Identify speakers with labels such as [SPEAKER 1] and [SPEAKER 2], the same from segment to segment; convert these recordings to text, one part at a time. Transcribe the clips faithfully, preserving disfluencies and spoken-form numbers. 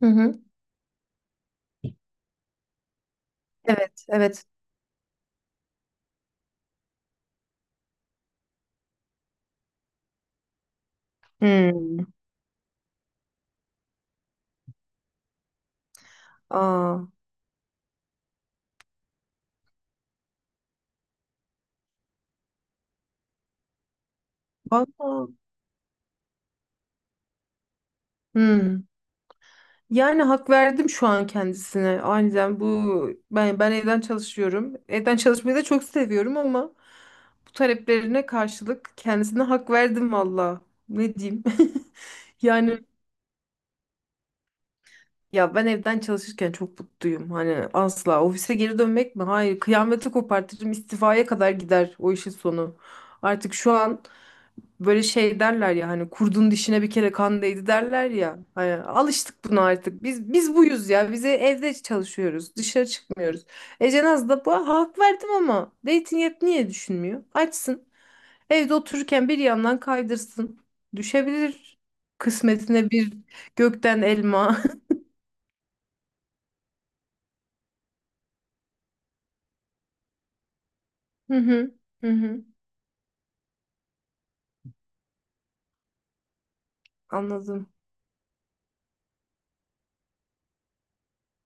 [SPEAKER 1] Hı hı. Evet, evet. Hmm. Aa, valla. Hmm. Yani hak verdim şu an kendisine. Aniden bu ben ben evden çalışıyorum. Evden çalışmayı da çok seviyorum ama bu taleplerine karşılık kendisine hak verdim valla. Ne diyeyim? Yani ya ben evden çalışırken çok mutluyum. Hani asla ofise geri dönmek mi? Hayır, kıyameti kopartırım, istifaya kadar gider o işin sonu. Artık şu an böyle şey derler ya, hani kurdun dişine bir kere kan değdi derler ya. Hani alıştık buna artık. Biz biz buyuz ya. Bize evde çalışıyoruz. Dışarı çıkmıyoruz. Ece Naz da bu, hak verdim ama dating app niye düşünmüyor? Açsın. Evde otururken bir yandan kaydırsın. Düşebilir kısmetine bir gökten elma. Hı hı. Hı hı. Anladım.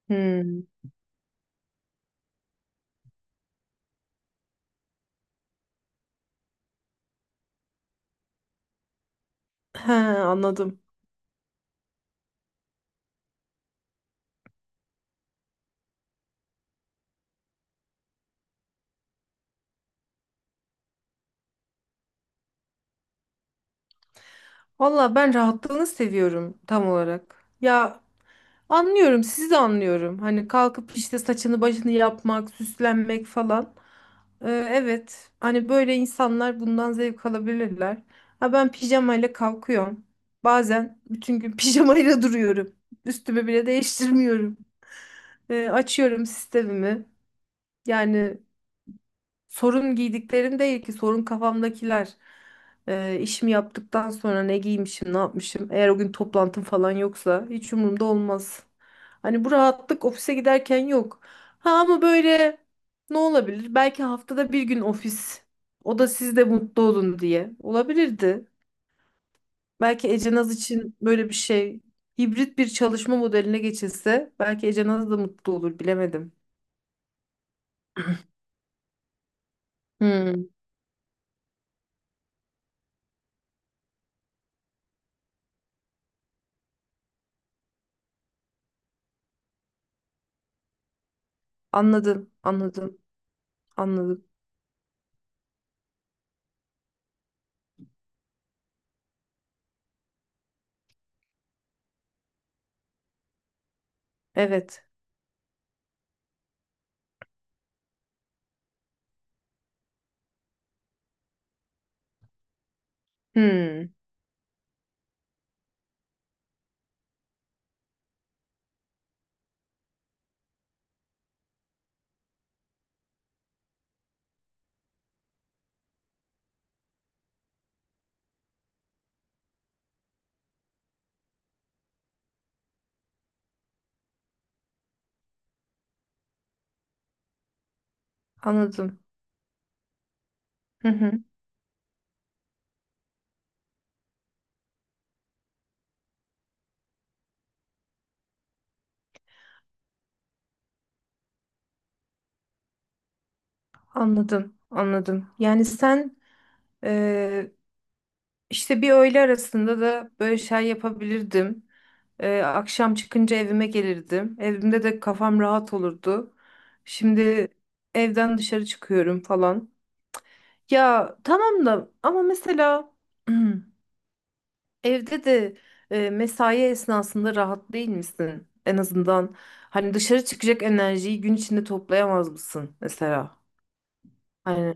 [SPEAKER 1] Hmm. He, anladım. Valla ben rahatlığını seviyorum tam olarak. Ya anlıyorum, sizi de anlıyorum. Hani kalkıp işte saçını başını yapmak, süslenmek falan. Ee, evet, hani böyle insanlar bundan zevk alabilirler. Ha ben pijamayla kalkıyorum. Bazen bütün gün pijamayla duruyorum. Üstümü bile değiştirmiyorum. Ee, açıyorum sistemimi. Yani sorun giydiklerim değil ki, sorun kafamdakiler. Ee, işimi yaptıktan sonra ne giymişim, ne yapmışım. Eğer o gün toplantım falan yoksa hiç umurumda olmaz. Hani bu rahatlık ofise giderken yok. Ha ama böyle ne olabilir? Belki haftada bir gün ofis. O da siz de mutlu olun diye. Olabilirdi. Belki Ecenaz için böyle bir şey, hibrit bir çalışma modeline geçilse belki Ecenaz da mutlu olur, bilemedim. Hmm, anladım, anladım, anladım. Evet. Hmm, anladım. Hı hı, anladım, anladım. Yani sen, e, işte bir öğle arasında da böyle şey yapabilirdim. E, akşam çıkınca evime gelirdim. Evimde de kafam rahat olurdu. Şimdi evden dışarı çıkıyorum falan. Ya tamam da, ama mesela evde de, e, mesai esnasında rahat değil misin? En azından hani dışarı çıkacak enerjiyi gün içinde toplayamaz mısın mesela? Hani.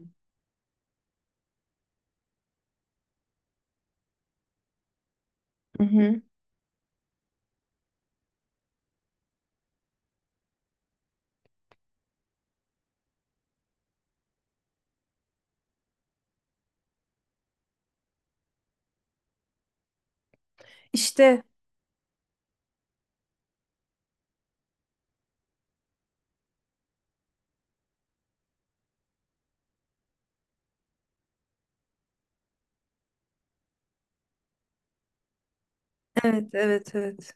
[SPEAKER 1] İşte evet, evet, evet,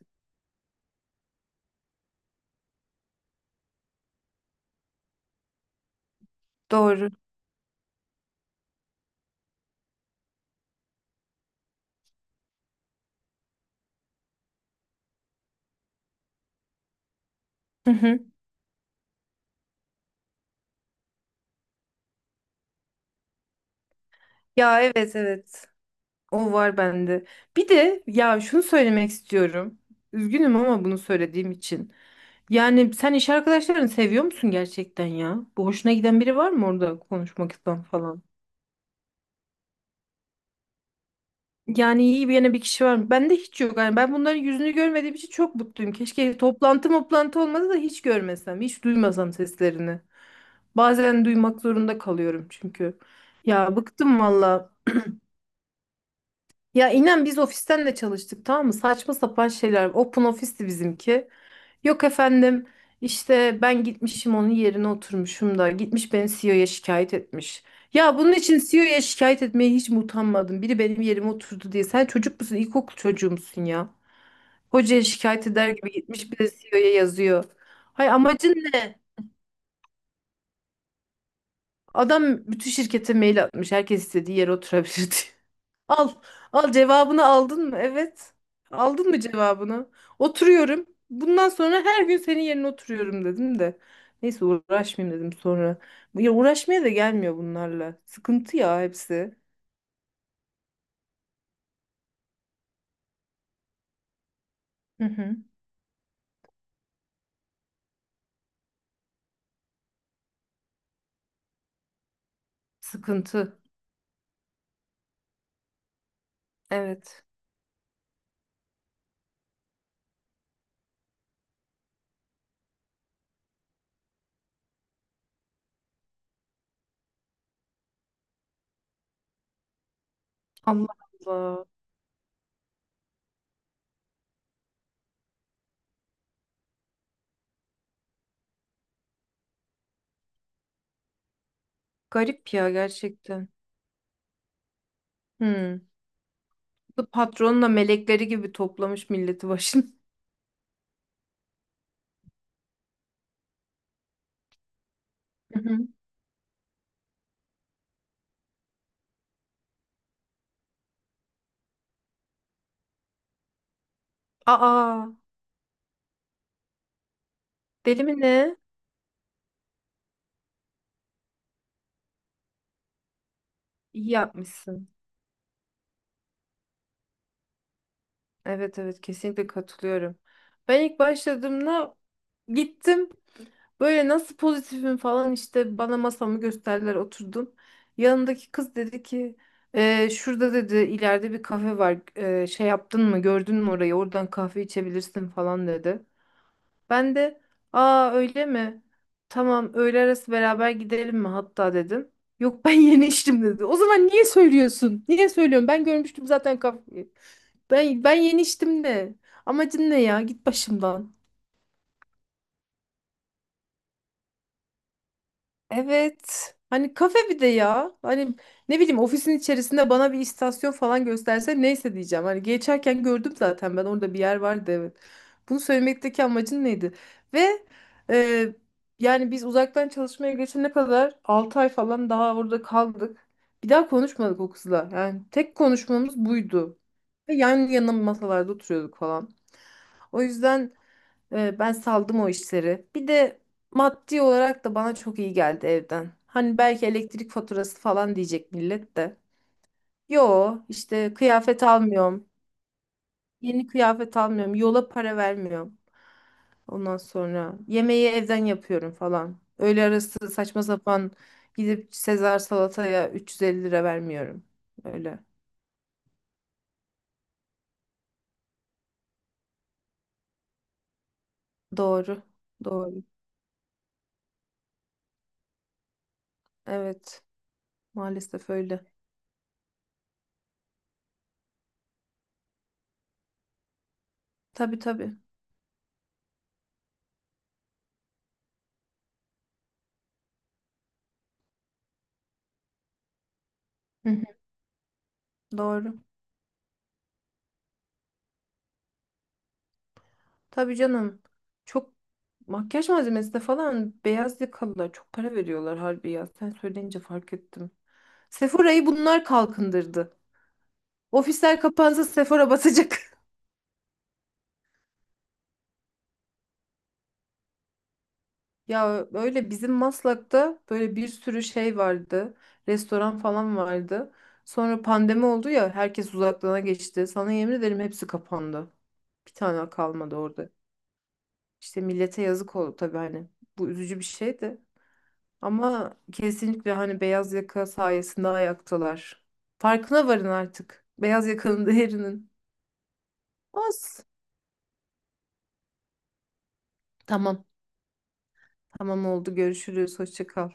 [SPEAKER 1] doğru. Hı hı. Ya evet, evet, o var bende. Bir de ya şunu söylemek istiyorum. Üzgünüm ama bunu söylediğim için. Yani sen iş arkadaşlarını seviyor musun gerçekten ya? Bu hoşuna giden biri var mı orada, konuşmaktan falan? Yani iyi bir yana, bir kişi var mı? Bende hiç yok. Yani ben bunların yüzünü görmediğim için çok mutluyum. Keşke toplantı toplantı olmadı da hiç görmesem, hiç duymasam seslerini. Bazen duymak zorunda kalıyorum çünkü. Ya bıktım valla. Ya inen biz ofisten de çalıştık, tamam mı? Saçma sapan şeyler. Open ofisti bizimki. Yok efendim, işte ben gitmişim onun yerine oturmuşum da gitmiş beni C E O'ya şikayet etmiş. Ya bunun için C E O'ya şikayet etmeye hiç mi utanmadın? Biri benim yerime oturdu diye. Sen çocuk musun? İlkokul çocuğu musun ya? Hocaya şikayet eder gibi gitmiş, bir de C E O'ya yazıyor. Hay amacın ne? Adam bütün şirkete mail atmış. Herkes istediği yere oturabilir diye. Al. Al, cevabını aldın mı? Evet. Aldın mı cevabını? Oturuyorum. Bundan sonra her gün senin yerine oturuyorum dedim de. Neyse, uğraşmayayım dedim sonra. Ya uğraşmaya da gelmiyor bunlarla. Sıkıntı ya hepsi. Hı hı. Sıkıntı. Evet. Allah Allah. Garip ya gerçekten. Hı. Bu patronla melekleri gibi toplamış milleti başına. Hı hı. Aa, deli mi ne? İyi yapmışsın. Evet, evet, kesinlikle katılıyorum. Ben ilk başladığımda gittim. Böyle nasıl pozitifim falan, işte bana masamı gösterdiler, oturdum. Yanındaki kız dedi ki: "Ee, şurada, dedi, ileride bir kafe var. Ee, şey yaptın mı, gördün mü orayı? Oradan kahve içebilirsin," falan dedi. Ben de, aa, öyle mi? Tamam, öğle arası beraber gidelim mi hatta, dedim. Yok, ben yeni içtim, dedi. O zaman niye söylüyorsun? Niye söylüyorum? Ben görmüştüm zaten kafayı. Ben ben yeni içtim de. Amacın ne ya? Git başımdan. Evet. Hani kafe bir de ya. Hani ne bileyim, ofisin içerisinde bana bir istasyon falan gösterse neyse diyeceğim. Hani geçerken gördüm zaten, ben orada bir yer vardı, evet. Bunu söylemekteki amacın neydi? Ve e, yani biz uzaktan çalışmaya geçene kadar altı ay falan daha orada kaldık. Bir daha konuşmadık o kızla. Yani tek konuşmamız buydu. Ve yan yana masalarda oturuyorduk falan. O yüzden ee, ben saldım o işleri. Bir de maddi olarak da bana çok iyi geldi evden. Hani belki elektrik faturası falan diyecek millet de. Yo işte, kıyafet almıyorum. Yeni kıyafet almıyorum. Yola para vermiyorum. Ondan sonra yemeği evden yapıyorum falan. Öğle arası saçma sapan gidip Sezar salataya üç yüz elli lira vermiyorum. Öyle. Doğru. Doğru. Evet. Maalesef öyle. Tabii tabii. Hı hı. Doğru. Tabii canım. Çok makyaj malzemesine falan beyaz yakalılar çok para veriyorlar harbi ya. Sen söyleyince fark ettim. Sephora'yı bunlar kalkındırdı. Ofisler kapansa Sephora basacak. Ya öyle, bizim Maslak'ta böyle bir sürü şey vardı. Restoran falan vardı. Sonra pandemi oldu ya, herkes uzaklığına geçti. Sana yemin ederim hepsi kapandı. Bir tane kalmadı orada. İşte millete yazık oldu tabii hani. Bu üzücü bir şeydi. Ama kesinlikle hani beyaz yaka sayesinde ayaktalar. Farkına varın artık. Beyaz yakanın değerinin. Olsun. Tamam. Tamam oldu. Görüşürüz. Hoşça kal.